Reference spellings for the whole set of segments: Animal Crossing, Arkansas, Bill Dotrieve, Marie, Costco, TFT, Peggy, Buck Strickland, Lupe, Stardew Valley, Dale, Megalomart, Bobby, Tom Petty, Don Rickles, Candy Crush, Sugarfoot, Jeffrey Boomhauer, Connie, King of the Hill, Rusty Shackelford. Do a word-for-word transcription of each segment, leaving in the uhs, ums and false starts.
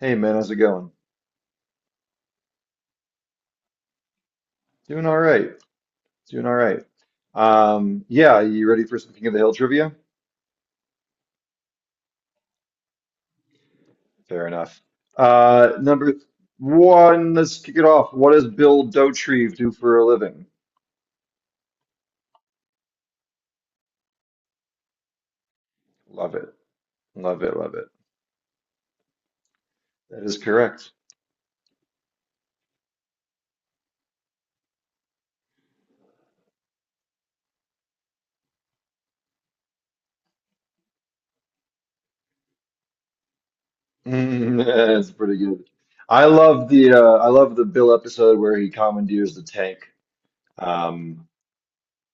Hey man, how's it going? Doing all right. Doing all right. Um, yeah, you ready for some King of the Hill trivia? Fair enough. Uh, number one, let's kick it off. What does Bill Dotrieve do for a living? Love it. Love it. Love it. That is correct. Mm, That's pretty good. I love the uh, I love the Bill episode where he commandeers the tank. Um,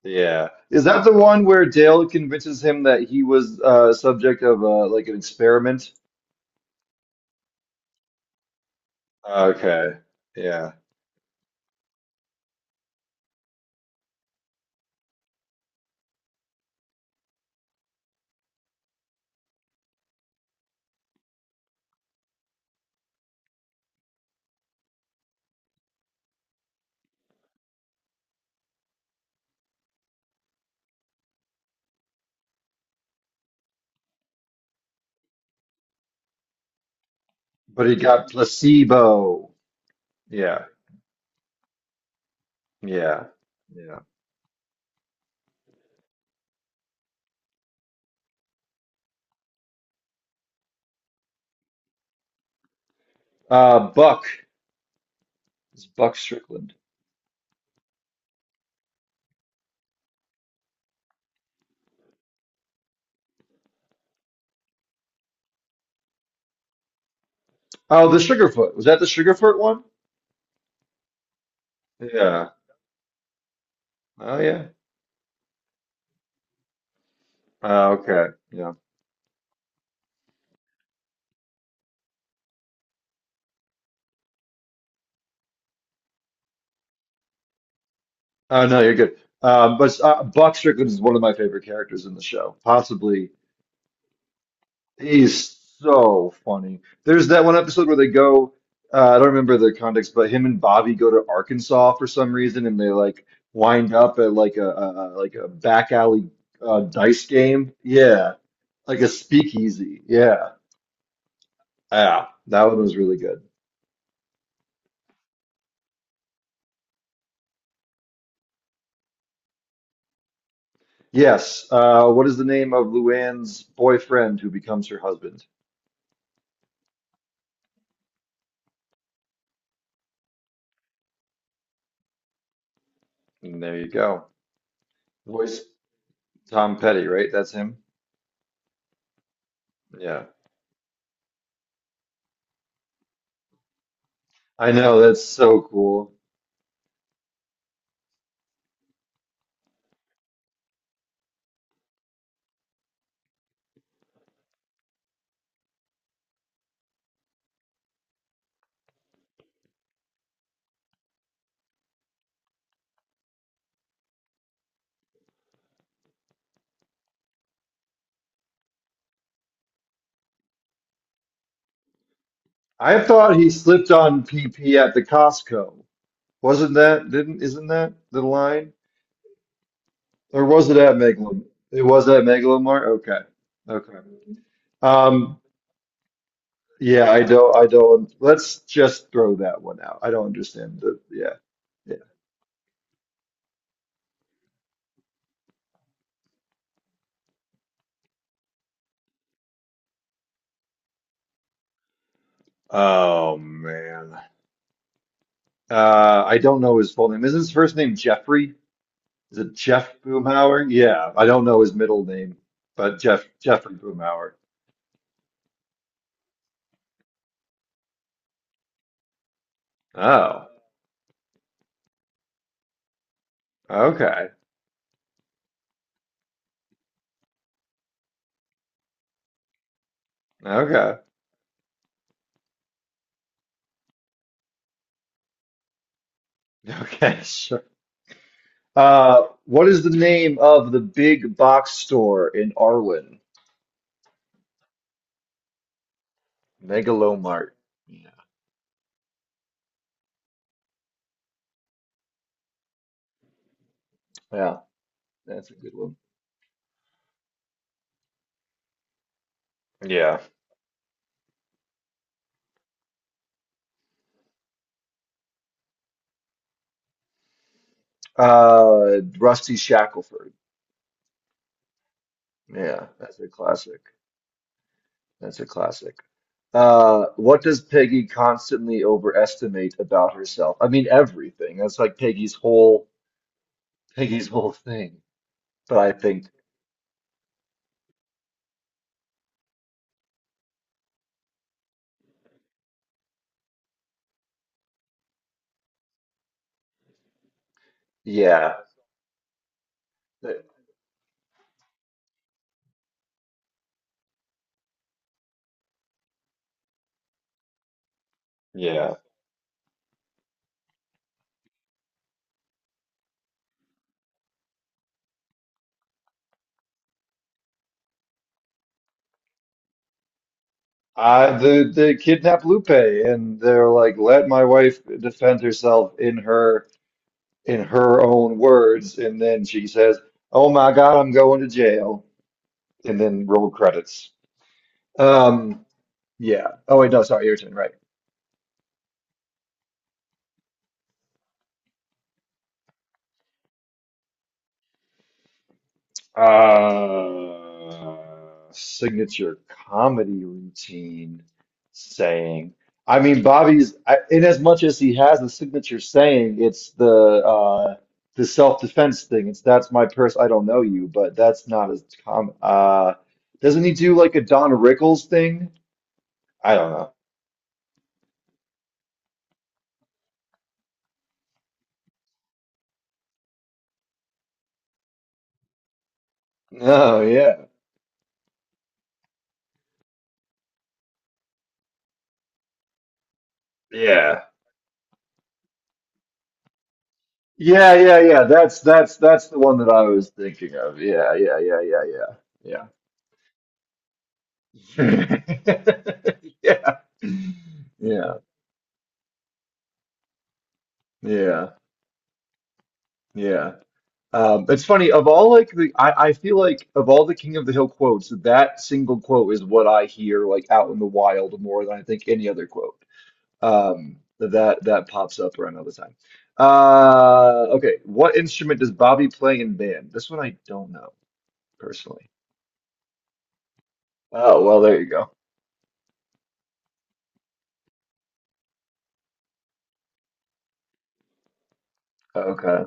yeah. Is that the one where Dale convinces him that he was uh subject of uh like an experiment? Okay. Yeah. But he got placebo. Yeah. Yeah. Yeah. Uh, Buck. It's Buck Strickland. Oh, the Sugarfoot. Was that the Sugarfoot one? Yeah. Oh, yeah. Oh, okay. Yeah. Oh, no, you're good. Um, but uh, Buck Strickland is one of my favorite characters in the show, possibly. He's so funny. There's that one episode where they go, uh, I don't remember the context, but him and Bobby go to Arkansas for some reason, and they like wind up at like a, a a- like a back alley uh, dice game. Yeah, like a speakeasy. Yeah, yeah, that one was really good. Yes. Uh, what is the name of Luann's boyfriend who becomes her husband? And there you go. Voice Tom Petty, right? That's him. Yeah, I know. That's so cool. I thought he slipped on P P at the Costco. Wasn't that, didn't, isn't that the line? Or was it at Megalom? It was at Megalomart? Okay. Okay. Um, yeah, I don't, I don't, let's just throw that one out. I don't understand the, yeah, yeah. Oh, man. Uh, I don't know his full name. Is his first name Jeffrey? Is it Jeff Boomhauer? Yeah, I don't know his middle name, but Jeff, Jeffrey Boomhauer. Oh, okay. Okay. Okay, Sure. Uh, what is the name of the big box store in Arwen? Megalomart. Yeah. Yeah, that's a good one. Yeah. Uh, Rusty Shackelford. Yeah, that's a classic. That's a classic. Uh, what does Peggy constantly overestimate about herself? I mean, everything. That's like Peggy's whole Peggy's whole thing. But I think, yeah, th- yeah. Uh, the the kidnap Lupe, and they're like, let my wife defend herself in her in her own words, and then she says, "Oh my God, I'm going to jail," and then roll credits. Um, yeah. Oh wait, no, sorry, your turn, right? Uh, signature comedy routine saying. I mean, Bobby's, I, in as much as he has a signature saying, it's the uh the self-defense thing. It's that's my purse, I don't know you, but that's not as common. Uh, doesn't he do like a Don Rickles thing? I don't know. Oh yeah, yeah, yeah, yeah, yeah. That's that's that's the one that I was thinking of. Yeah, yeah, yeah, yeah, yeah, yeah. Yeah. Yeah. Yeah. Yeah. Um, it's funny, of all like the I, I feel like of all the King of the Hill quotes, that single quote is what I hear like out in the wild more than I think any other quote. Um, that that pops up around all the time. Uh, okay, what instrument does Bobby play in band? This one I don't know personally. Oh, well, there you go. Okay.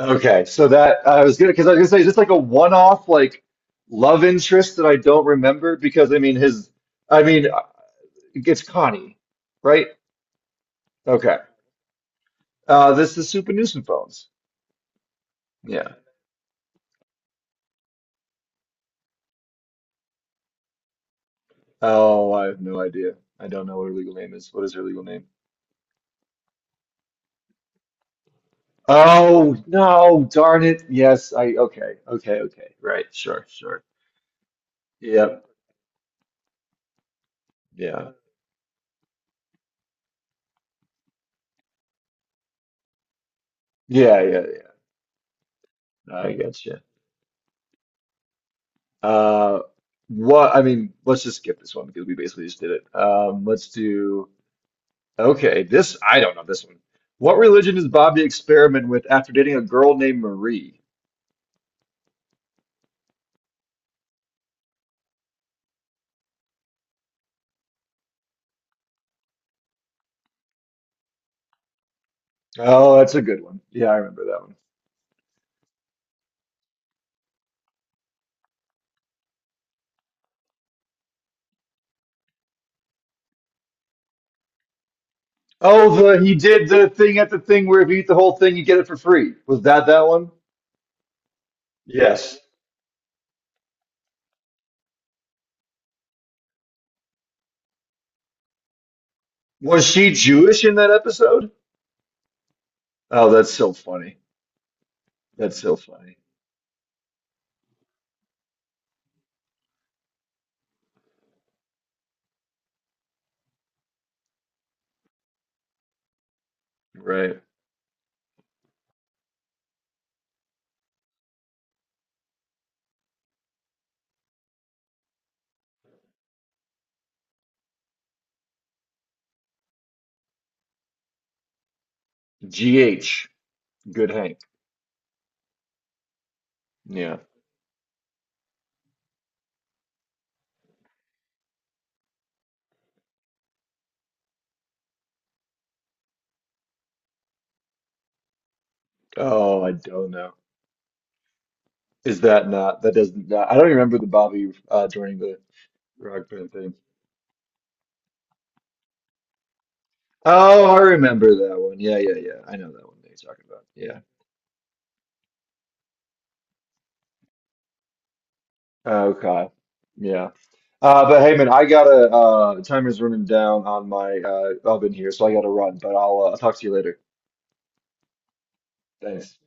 Okay, so that I was gonna because I was gonna say is this like a one-off like love interest that I don't remember because I mean his I mean uh, it's Connie, right? Okay. Uh this is Super Nuisance Yeah. Oh, I have no idea. I don't know what her legal name is. What is her legal name? Oh no, darn it. Yes, I okay, okay, okay. Right, sure, sure. Yep. Yeah. Yeah, yeah, yeah. I gotcha. Uh, what I mean, let's just skip this one because we basically just did it. Um, let's do okay. This I don't know this one. What religion does Bobby experiment with after dating a girl named Marie? Oh, that's a good one. Yeah, I remember that one. Oh, the he did the thing at the thing where if you eat the whole thing, you get it for free. Was that that one? Yes. Was she Jewish in that episode? Oh, that's so funny. That's so funny. Right. G H. Good Hank. Yeah. Oh, I don't know. Is that not? That doesn't. I don't remember the Bobby uh, joining the rock band thing. Oh, I remember that one. Yeah, yeah, yeah. I know that one that you're talking about. Yeah. Okay. Yeah. Uh, but hey, man, I gotta. Uh, timer's running down on my uh, oven here, so I gotta run. But I'll uh, talk to you later. Thanks.